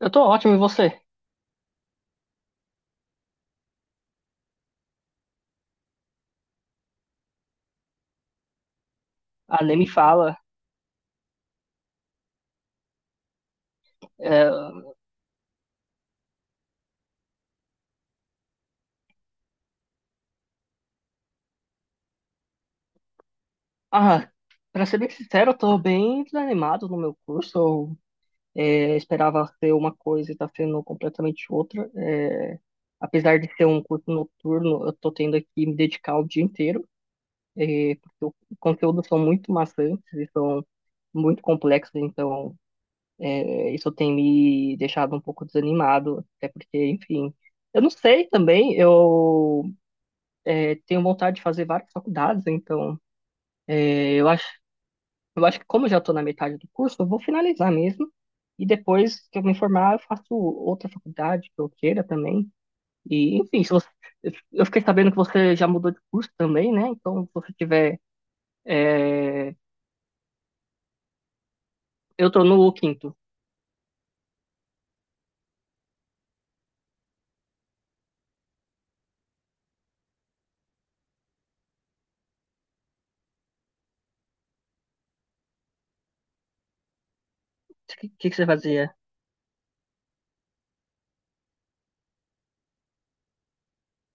Eu tô ótimo, e você? Ah, nem me fala. É, Ah, pra ser bem sincero, eu tô bem desanimado no meu curso. Esperava ser uma coisa e tá sendo completamente outra. Apesar de ser um curso noturno, eu tô tendo que me dedicar o dia inteiro. É, os conteúdos são muito maçantes e são muito complexos, então isso tem me deixado um pouco desanimado, até porque, enfim... Eu não sei também, eu tenho vontade de fazer várias faculdades, então... Eu acho, eu acho que como eu já estou na metade do curso, eu vou finalizar mesmo. E depois que eu me formar, eu faço outra faculdade que eu queira também. E, enfim, se você, eu fiquei sabendo que você já mudou de curso também, né? Então, se você tiver... é, eu estou no quinto. Que que você fazia?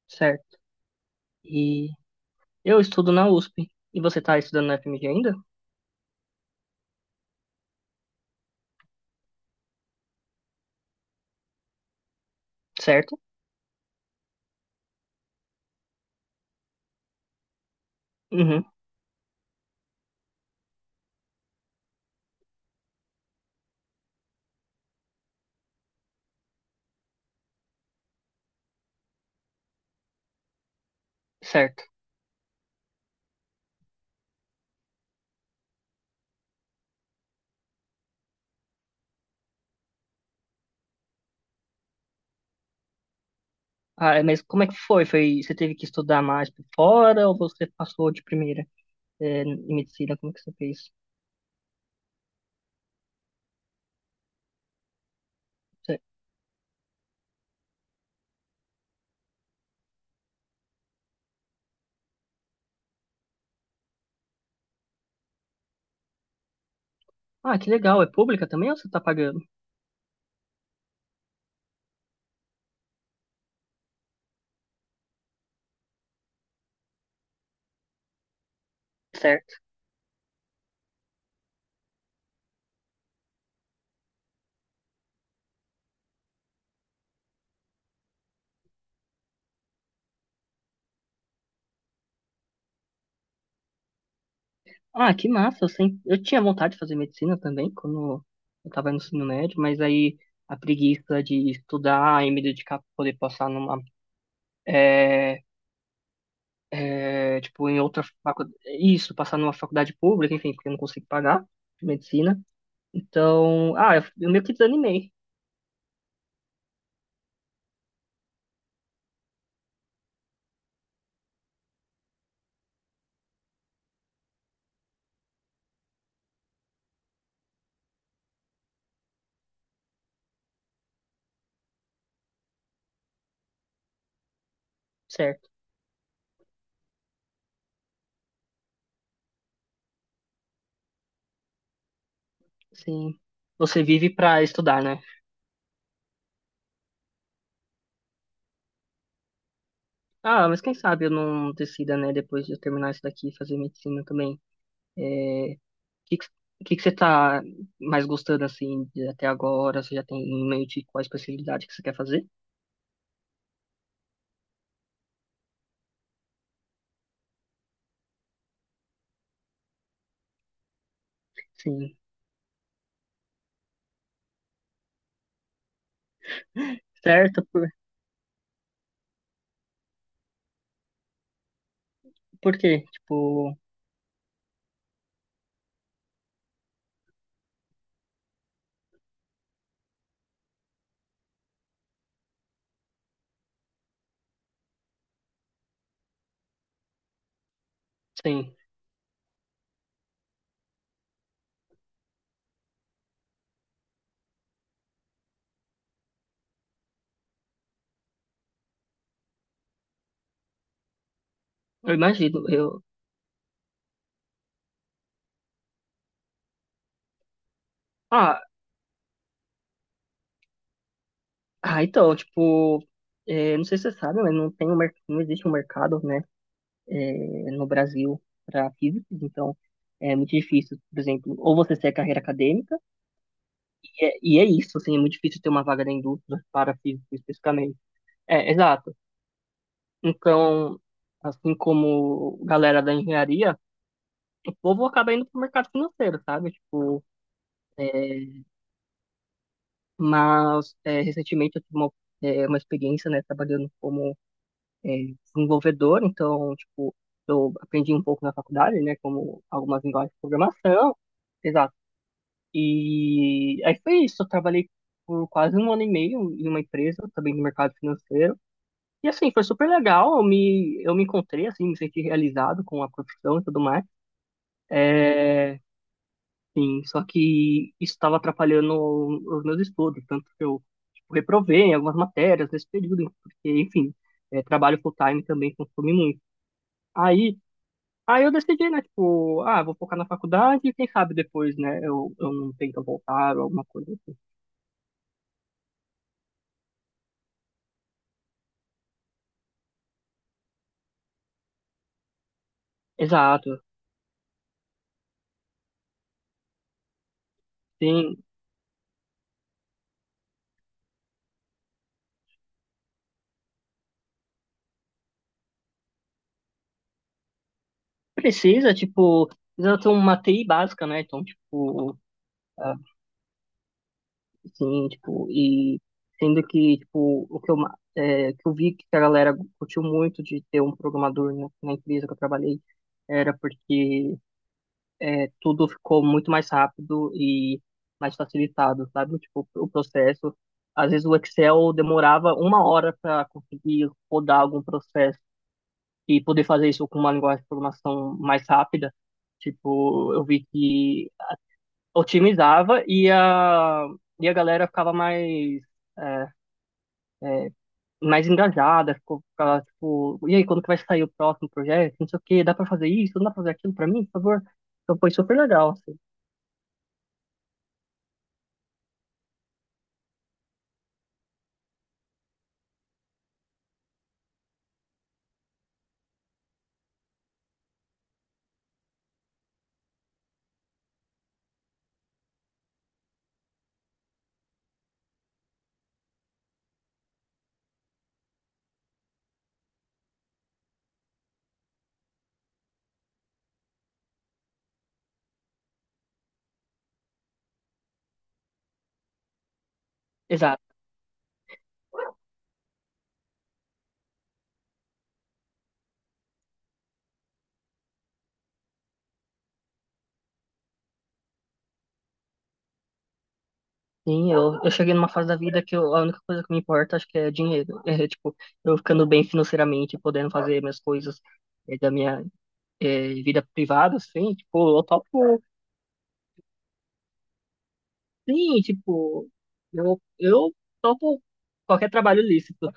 Certo. E eu estudo na USP. E você está estudando na FMG ainda? Certo? Uhum, certo. Ah, é, mas como é que foi? Foi, você teve que estudar mais por fora ou você passou de primeira, em medicina? Como é que você fez? Sei. Ah, que legal. É pública também ou você tá pagando? Certo? Ah, que massa. Eu sempre... eu tinha vontade de fazer medicina também quando eu tava no ensino médio, mas aí a preguiça de estudar e me dedicar pra poder passar numa. É... é, tipo, em outra faculdade. Isso, passar numa faculdade pública, enfim, porque eu não consigo pagar medicina. Então, ah, eu meio que desanimei, certo? Sim. Você vive pra estudar, né? Ah, mas quem sabe eu não decida, né, depois de eu terminar isso daqui, fazer medicina também. É, que que, que você tá mais gostando assim de até agora? Você já tem em mente qual a especialidade que você quer fazer? Sim. Certo? Por quê? Tipo, sim, eu imagino. Eu... Ah, ah, então, tipo, não sei se você sabe, mas não tem um, mer- não existe um mercado, né, no Brasil para físicos, então é muito difícil, por exemplo, ou você segue a carreira acadêmica, e é isso, assim, é muito difícil ter uma vaga na indústria para físicos especificamente. É, exato. Então, assim como galera da engenharia, o povo acaba indo para o mercado financeiro, sabe? Tipo, mas é, recentemente eu tive uma, uma experiência, né, trabalhando como é, desenvolvedor, então, tipo, eu aprendi um pouco na faculdade, né, como algumas linguagens de programação, exato. E aí foi isso, eu trabalhei por quase um ano e meio em uma empresa, também no mercado financeiro, e assim, foi super legal, eu me encontrei, assim, me senti realizado com a profissão e tudo mais, É, sim, só que isso estava atrapalhando os meus estudos, tanto que eu tipo, reprovei em algumas matérias nesse período, porque, enfim, trabalho full-time também consome muito. Aí, aí eu decidi, né, tipo, ah, vou focar na faculdade e quem sabe depois, né, eu não tento voltar ou alguma coisa assim. Exato, sim. Precisa, tipo, precisa ter uma TI básica, né, então, tipo, ah, sim, tipo, e sendo que, tipo, o que eu, ma- é, que eu vi que a galera curtiu muito de ter um programador na empresa que eu trabalhei, era porque tudo ficou muito mais rápido e mais facilitado, sabe? Tipo, o processo. Às vezes o Excel demorava uma hora para conseguir rodar algum processo e poder fazer isso com uma linguagem de programação mais rápida. Tipo, eu vi que otimizava e a galera ficava mais, é, é, mais engajada, ficava tipo, e aí, quando que vai sair o próximo projeto? Não sei o quê, dá pra fazer isso? Não dá pra fazer aquilo pra mim, por favor? Então foi super legal, assim. Exato. Sim, eu cheguei numa fase da vida que eu- a única coisa que me importa acho que é dinheiro. É, tipo, eu ficando bem financeiramente, podendo fazer minhas coisas da minha vida privada, assim, tipo, eu topo, sim, tipo, eu topo qualquer trabalho lícito.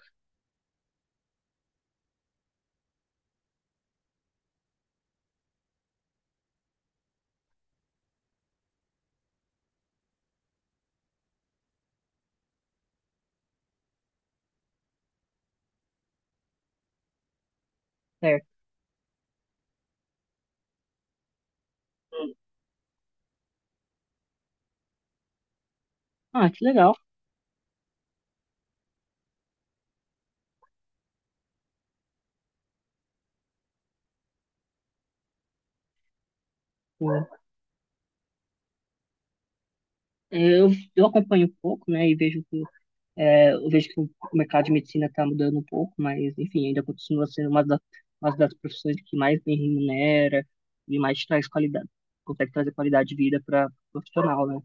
Certo. Ah, que legal. Pô. Eu, eu acompanho um pouco, né, e vejo que, eu vejo que o mercado de medicina está mudando um pouco, mas, enfim, ainda continua sendo uma das profissões que mais bem remunera e mais traz qualidade, consegue trazer qualidade de vida para profissional, né?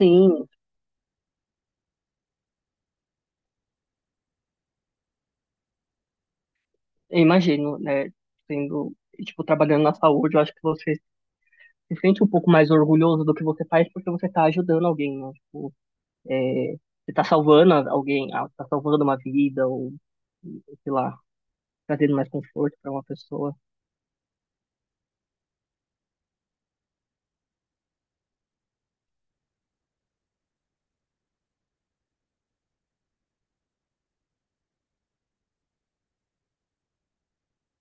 Sim, eu imagino, né, sendo, tipo, trabalhando na saúde, eu acho que você se sente um pouco mais orgulhoso do que você faz porque você está ajudando alguém, né? Tipo, é, você tá salvando alguém, ah, tá salvando uma vida, ou sei lá, trazendo mais conforto pra uma pessoa.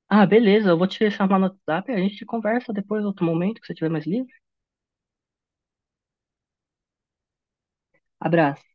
Ah, beleza, eu vou te chamar no WhatsApp, e a gente conversa depois, outro momento, que você tiver mais livre. Abraço.